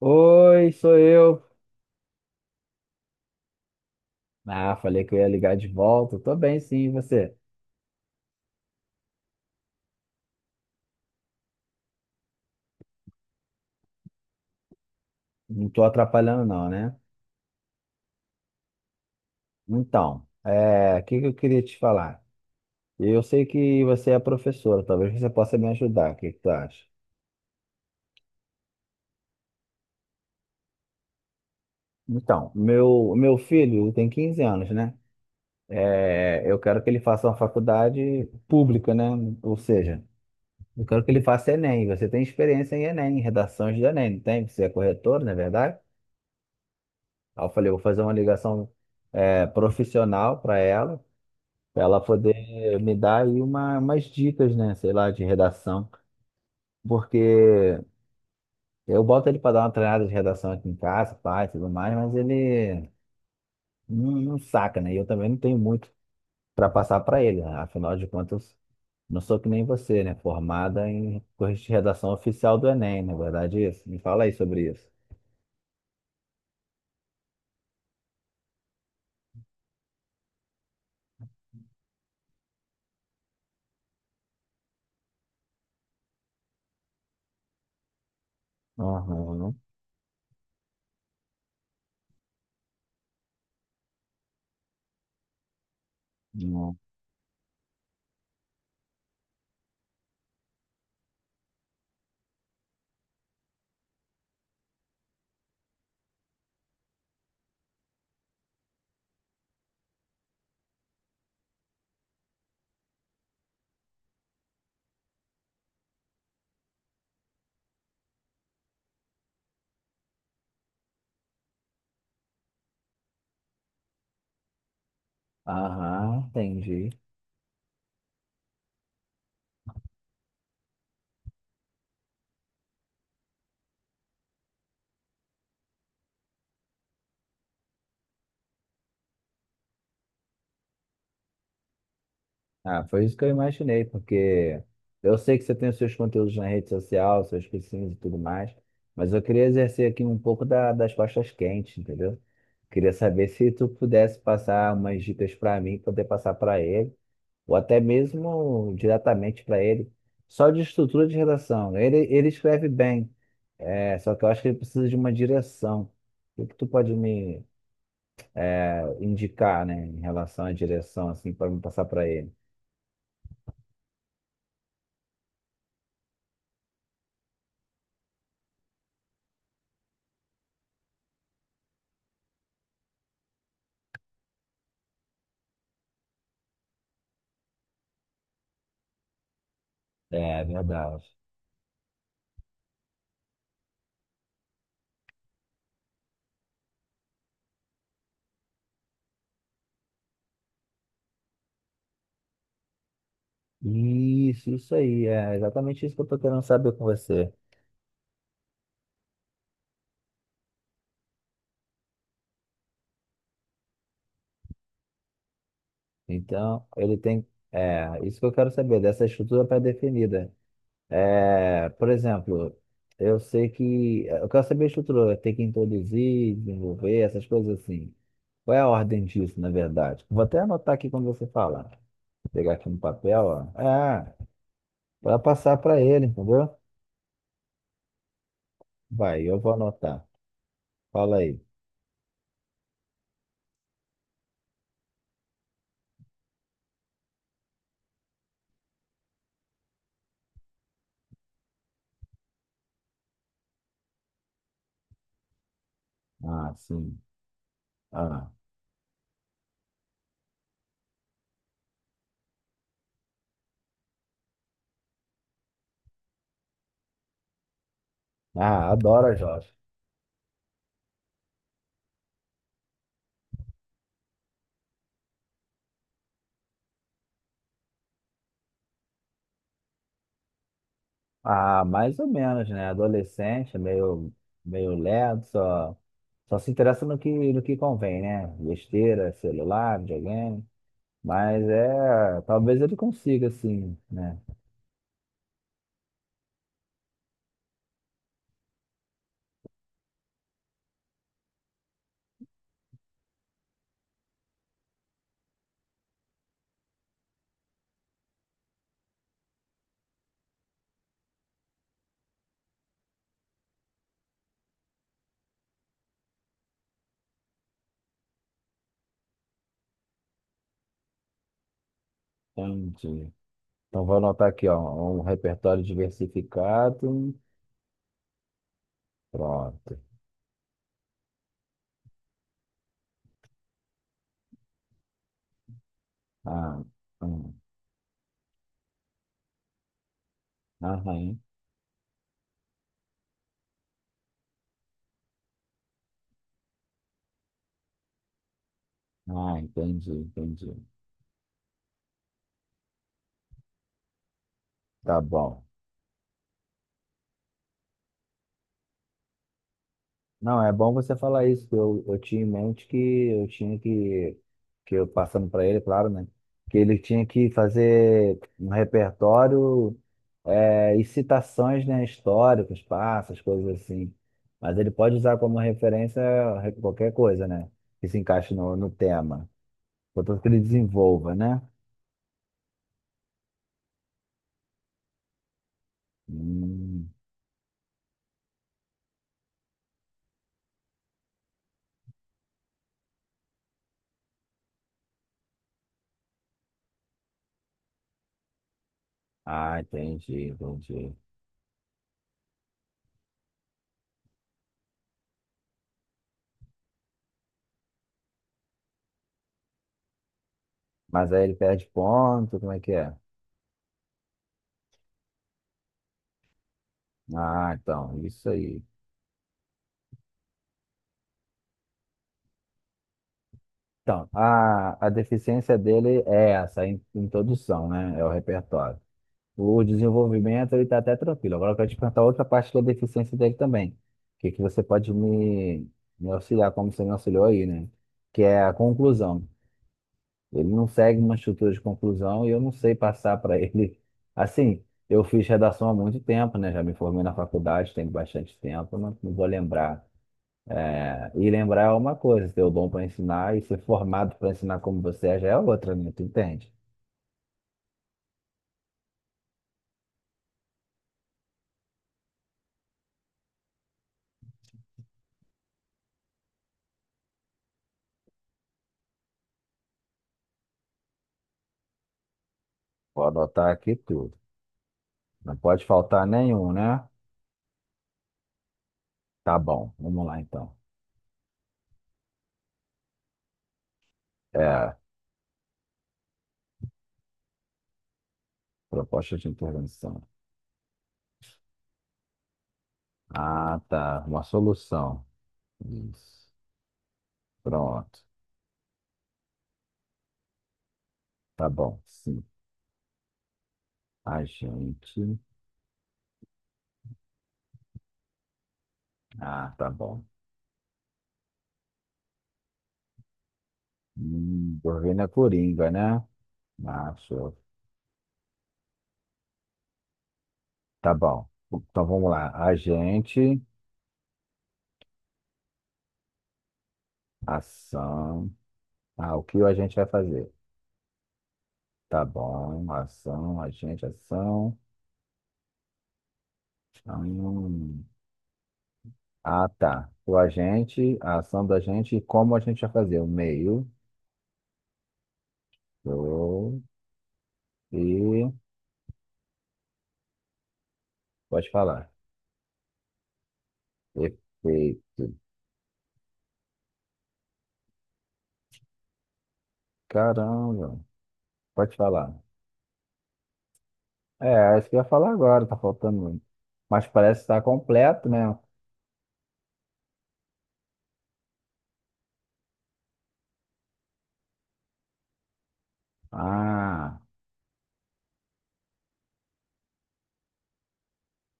Oi, sou eu. Ah, falei que eu ia ligar de volta. Tô bem, sim, e você? Não tô atrapalhando, não, né? Então, o que que eu queria te falar? Eu sei que você é professora, talvez você possa me ajudar. O que que tu acha? Então, meu filho tem 15 anos, né? Eu quero que ele faça uma faculdade pública, né? Ou seja, eu quero que ele faça Enem. Você tem experiência em Enem, em redações de Enem, não tem? Você é corretor, não é verdade? Aí eu falei, vou fazer uma ligação profissional para ela poder me dar aí umas dicas, né? Sei lá, de redação. Porque eu boto ele para dar uma treinada de redação aqui em casa, pai, tudo mais, mas ele não saca, né? E eu também não tenho muito para passar para ele, né? Afinal de contas, não sou que nem você, né? Formada em corrigir de redação oficial do Enem, na verdade, é isso. Me fala aí sobre isso. Aham, uhum, aham, entendi. Ah, foi isso que eu imaginei, porque eu sei que você tem os seus conteúdos na rede social, seus cursinhos e tudo mais, mas eu queria exercer aqui um pouco das costas quentes, entendeu? Queria saber se tu pudesse passar umas dicas para mim, poder passar para ele, ou até mesmo diretamente para ele, só de estrutura de redação. Ele escreve bem, só que eu acho que ele precisa de uma direção. O que que tu pode me indicar, né, em relação à direção, assim, para me passar para ele? É verdade. Isso aí, é exatamente isso que eu tô querendo saber com você. Então, ele tem, isso que eu quero saber, dessa estrutura pré-definida. É, por exemplo, eu sei que, eu quero saber a estrutura, tem que introduzir, desenvolver, essas coisas assim. Qual é a ordem disso, na verdade? Vou até anotar aqui quando você falar, pegar aqui no papel, ó. Para passar para ele, entendeu? Vai, eu vou anotar. Fala aí. Ah, sim. Ah, ah, adoro a Jó. Ah, mais ou menos, né? Adolescente, meio lerdo, só se interessa no que convém, né? Besteira, celular, videogame. Mas talvez ele consiga, assim, né? Entendi. Então vou anotar aqui, ó, um repertório diversificado. Pronto. Ah, hum, aham. Ah, entendi, entendi. Tá bom. Não, é bom você falar isso, que eu tinha em mente que eu tinha que eu passando para ele, claro, né? Que ele tinha que fazer um repertório e citações, né, históricas, passas, coisas assim. Mas ele pode usar como referência qualquer coisa, né? Que se encaixe no tema. Portanto, que ele desenvolva, né? Hum, ah, entendi, entendi. Mas aí ele perde ponto, como é que é? Ah, então, isso aí. Então, a deficiência dele é essa, a introdução, né? É o repertório. O desenvolvimento, ele está até tranquilo. Agora eu quero te perguntar outra parte da deficiência dele também. O que, que você pode me, auxiliar, como você me auxiliou aí, né? Que é a conclusão. Ele não segue uma estrutura de conclusão e eu não sei passar para ele. Assim, eu fiz redação há muito tempo, né? Já me formei na faculdade, tem bastante tempo, não vou lembrar e lembrar é uma coisa, ter o dom para ensinar e ser formado para ensinar como você é já é outra, né? Tu entende? Vou anotar aqui tudo. Não pode faltar nenhum, né? Tá bom, vamos lá então. É, Proposta de intervenção. Ah, tá. Uma solução. Isso. Pronto. Tá bom. Sim. A gente. Ah, tá bom. Governo é Coringa, né? Macho. Tá bom. Então vamos lá. Agente, ação. Ah, o que a gente vai fazer? Tá bom. Ação, agente, ação. Hum. Ah, tá. O agente, a ação do agente e como a gente vai fazer? O meio. o- E pode falar. Efeito. Caramba. Pode falar. É isso que eu ia falar agora, tá faltando muito. Mas parece estar completo, né? Ah.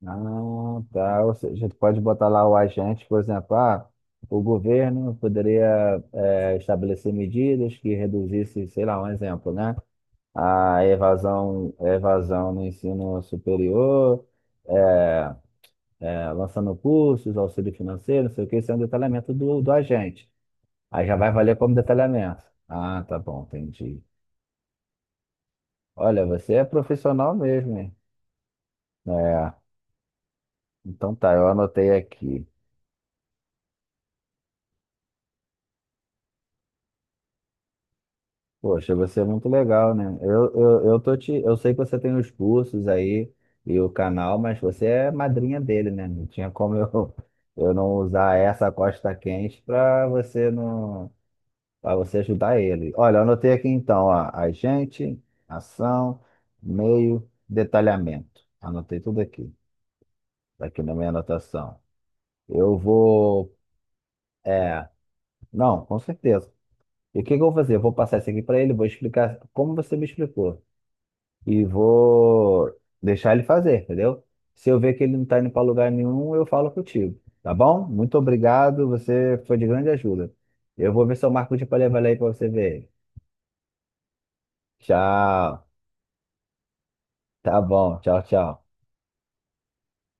Ah, tá. Ou seja, tu pode botar lá o agente, por exemplo, o governo poderia estabelecer medidas que reduzissem, sei lá, um exemplo, né? A evasão no ensino superior, eh, lançando cursos, auxílio financeiro, não sei o que, isso é um detalhamento do agente. Aí já vai valer como detalhamento. Ah, tá bom, entendi. Olha, você é profissional mesmo, hein? É, então tá, eu anotei aqui. Poxa, você é muito legal, né? Eu eu sei que você tem os cursos aí e o canal, mas você é madrinha dele, né? Não tinha como eu, eu não usar essa costa quente para você não, para você ajudar ele. Olha, eu anotei aqui então, ó, agente, ação, meio, detalhamento. Anotei tudo aqui, tá aqui na minha anotação. Eu vou, é, não, com certeza. E o que que eu vou fazer? Eu vou passar isso aqui para ele, vou explicar como você me explicou, e vou deixar ele fazer, entendeu? Se eu ver que ele não tá indo para lugar nenhum, eu falo contigo, tá bom? Muito obrigado, você foi de grande ajuda. Eu vou ver se eu marco de para levar ele aí para você ver. Tchau. Tá bom, tchau, tchau.